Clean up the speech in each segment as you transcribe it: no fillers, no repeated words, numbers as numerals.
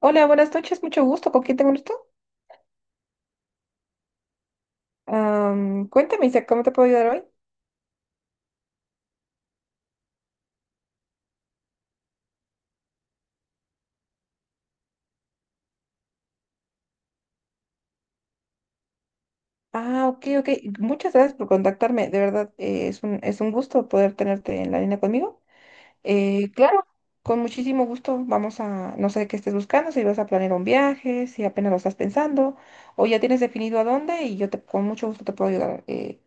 Hola, buenas noches, mucho gusto. ¿Con quién tengo el gusto? Cuéntame, Isa, ¿cómo te puedo ayudar hoy? Ah, ok, ok. Muchas gracias por contactarme. De verdad, es un gusto poder tenerte en la línea conmigo. Claro, con muchísimo gusto. Vamos a, no sé qué estés buscando, si vas a planear un viaje, si apenas lo estás pensando, o ya tienes definido a dónde y yo te, con mucho gusto te puedo ayudar.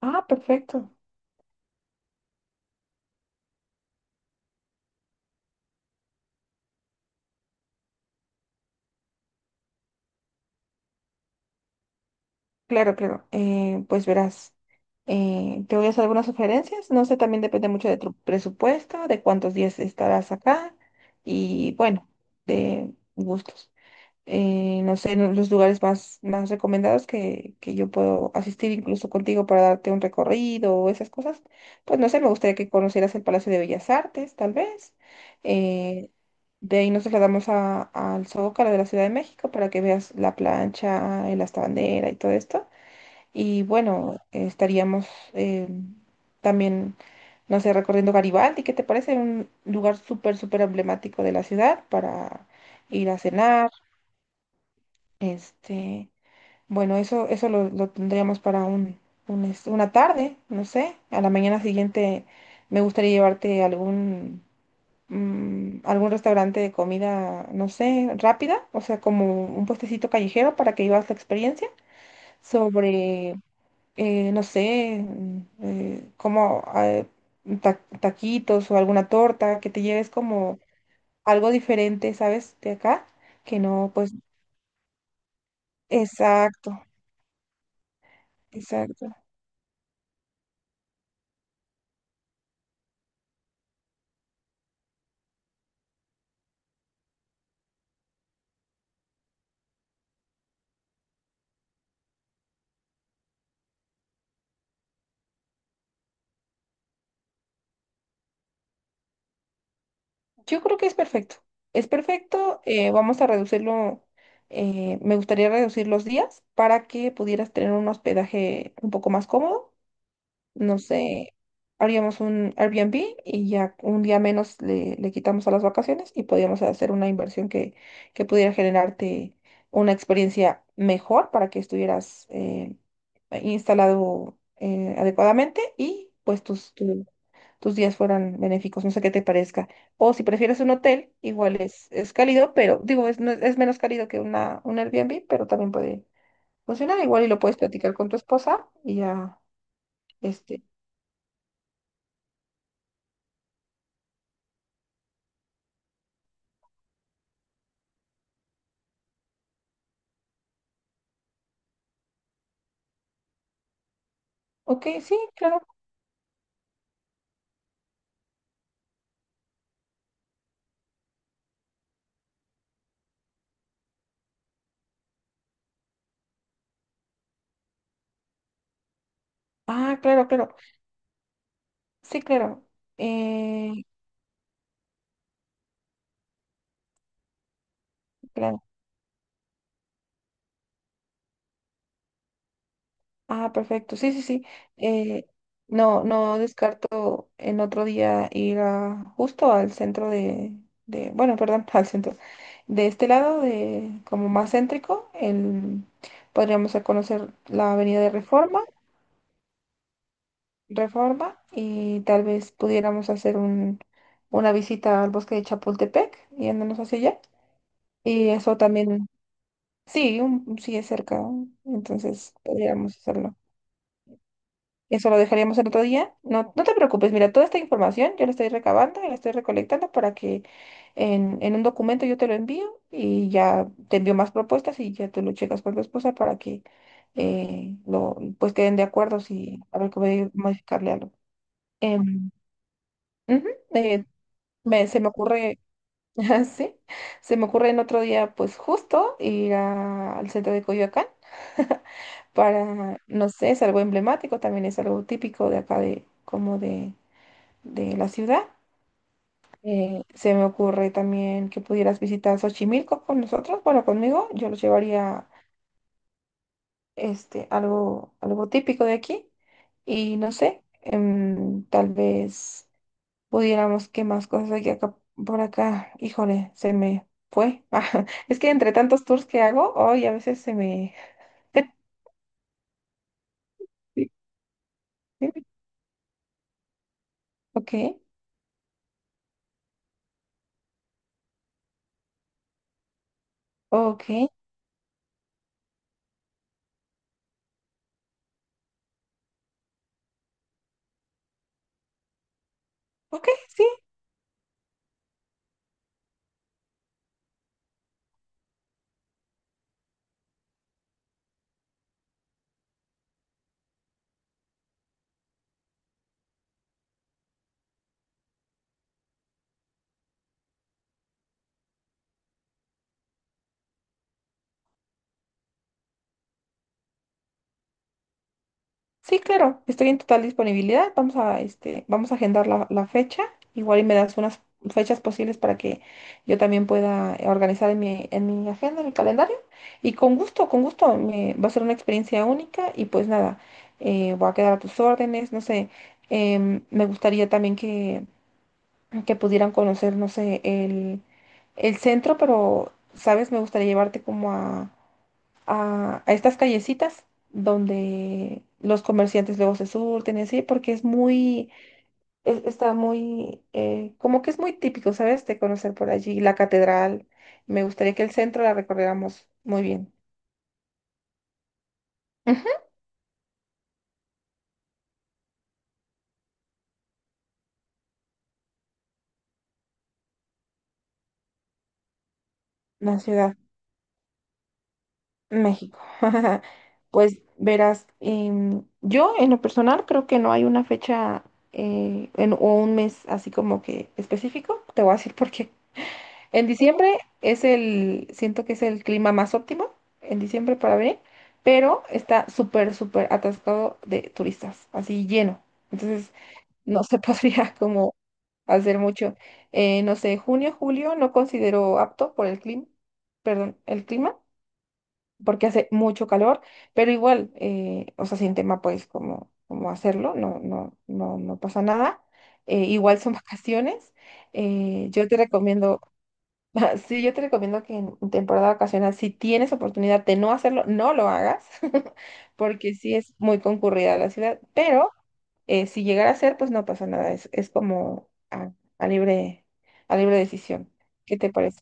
Ah, perfecto. Claro, claro. Pues verás, te voy a hacer algunas sugerencias. No sé, también depende mucho de tu presupuesto, de cuántos días estarás acá y bueno, de gustos. No sé, los lugares más, más recomendados que yo puedo asistir incluso contigo para darte un recorrido o esas cosas. Pues no sé, me gustaría que conocieras el Palacio de Bellas Artes, tal vez. Eh, de ahí nos trasladamos al Zócalo de la Ciudad de México para que veas la plancha, el hasta bandera y todo esto. Y bueno, estaríamos eh, también, no sé, recorriendo Garibaldi, ¿qué te parece? Un lugar súper, súper emblemático de la ciudad para ir a cenar. Este, bueno, eso lo tendríamos para un, una tarde, no sé. A la mañana siguiente me gustaría llevarte a algún, algún restaurante de comida, no sé, rápida, o sea, como un puestecito callejero para que vivas la experiencia sobre no sé, eh, como eh, taquitos o alguna torta, que te lleves como algo diferente, ¿sabes? De acá, que no, pues, exacto, exacto. Yo creo que es perfecto, vamos a reducirlo, me gustaría reducir los días para que pudieras tener un hospedaje un poco más cómodo, no sé, haríamos un Airbnb y ya un día menos le, le quitamos a las vacaciones y podíamos hacer una inversión que pudiera generarte una experiencia mejor para que estuvieras instalado adecuadamente y pues tus, tus días fueran benéficos, no sé qué te parezca. O si prefieres un hotel, igual es cálido, pero digo, es, es menos cálido que una, un Airbnb, pero también puede funcionar igual y lo puedes platicar con tu esposa y ya. Este, ok, sí, claro. Ah, claro, claro. Sí, claro. Eh, claro. Ah, perfecto. Sí, sí, sí. Eh, no, no descarto en otro día ir a, justo al centro de, bueno, perdón, al centro. De este lado, de como más céntrico, el, podríamos a conocer la Avenida de Reforma, Reforma, y tal vez pudiéramos hacer un, una visita al bosque de Chapultepec, yéndonos hacia allá. Y eso también. Sí, sí es cerca, entonces podríamos hacerlo. Eso lo dejaríamos el otro día. No, no te preocupes, mira, toda esta información yo la estoy recabando, la estoy recolectando para que en un documento yo te lo envío y ya te envío más propuestas y ya tú lo checas con tu esposa para que lo, pues queden de acuerdo si a ver cómo hay que modificarle algo. Em, ujú, eh, se me ocurre Sí, se me ocurre en otro día, pues justo ir al centro de Coyoacán para, no sé, es algo emblemático, también es algo típico de acá de, como de la ciudad. Se me ocurre también que pudieras visitar Xochimilco con nosotros, bueno, conmigo, yo los llevaría. Este, algo, algo típico de aquí y no sé, tal vez pudiéramos, ¿qué más cosas hay acá por acá? Híjole, se me fue. Ajá. Es que entre tantos tours que hago, hoy a veces se me... Sí. Sí. Ok, ok, ok, sí. Sí, claro, estoy en total disponibilidad. Vamos a, este, vamos a agendar la, la fecha. Igual y me das unas fechas posibles para que yo también pueda organizar en mi agenda, en mi calendario. Y con gusto, me, va a ser una experiencia única y pues nada, voy a quedar a tus órdenes, no sé, me gustaría también que pudieran conocer, no sé, el centro, pero, ¿sabes? Me gustaría llevarte como a estas callecitas donde los comerciantes luego se surten, y así, porque es muy, está muy, como que es muy típico, ¿sabes? De conocer por allí la catedral. Me gustaría que el centro la recorriéramos muy bien. Ujú. La ciudad, México. Pues verás, yo en lo personal creo que no hay una fecha o un mes así como que específico. Te voy a decir por qué. En diciembre es el, siento que es el clima más óptimo en diciembre para venir, pero está súper, súper atascado de turistas, así lleno. Entonces no se podría como hacer mucho. No sé, junio, julio no considero apto por el clima, perdón, el clima, porque hace mucho calor, pero igual, o sea, sin tema pues como, como hacerlo, no, no, no, no pasa nada. Igual son vacaciones. Yo te recomiendo Sí, yo te recomiendo que en temporada vacacional, si tienes oportunidad de no hacerlo, no lo hagas, porque sí es muy concurrida la ciudad, pero si llegara a ser, pues no pasa nada, es como a libre, a libre decisión. ¿Qué te parece?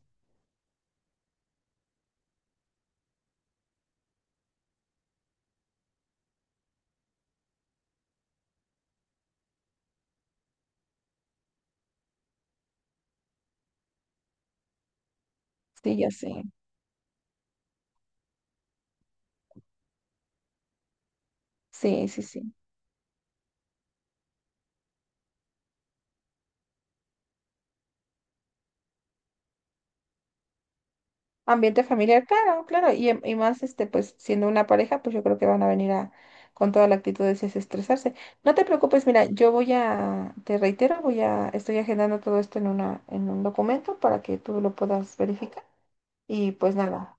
Sí, ya sé. Sí, sí, sí. Ambiente familiar, claro, claro. Y, y más, este, pues siendo una pareja, pues yo creo que van a venir a, con toda la actitud de desestresarse. No te preocupes, mira, yo voy a, te reitero, voy a, estoy agendando todo esto en una, en un documento para que tú lo puedas verificar. Y pues nada,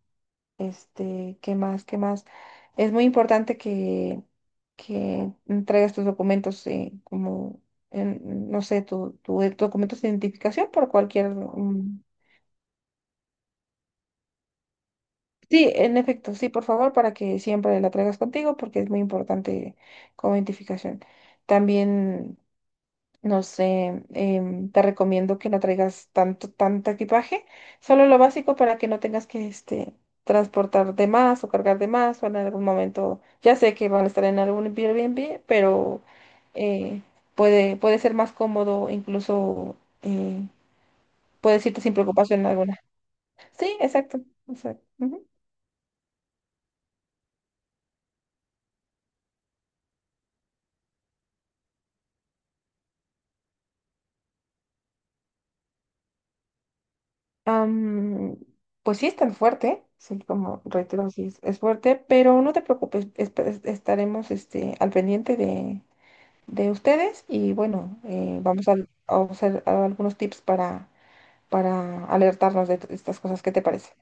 este, ¿qué más? ¿Qué más? Es muy importante que traigas tus documentos, como, no sé, tu documentos de identificación por cualquier. Ujú. Sí, en efecto, sí, por favor, para que siempre la traigas contigo porque es muy importante como identificación. También, no sé, te recomiendo que no traigas tanto, tanto equipaje, solo lo básico para que no tengas que este, transportar de más o cargar de más o en algún momento, ya sé que van a estar en algún Airbnb, pero eh, puede, puede ser más cómodo, incluso puedes irte sin preocupación alguna. Sí, exacto, exacto. Ujú. Am, pues sí es tan fuerte, sí, como reitero, sí es fuerte, pero no te preocupes, estaremos este, al pendiente de ustedes y bueno, vamos a usar algunos tips para alertarnos de estas cosas, ¿qué te parece?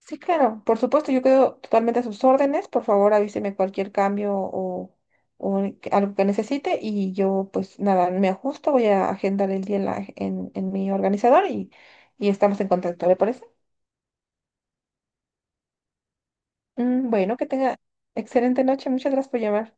Sí, claro, por supuesto, yo quedo totalmente a sus órdenes, por favor avíseme cualquier cambio o algo que necesite y yo pues nada, me ajusto, voy a agendar el día en, en mi organizador y estamos en contacto, ¿le parece? Bueno, que tenga excelente noche. Muchas gracias por llamar.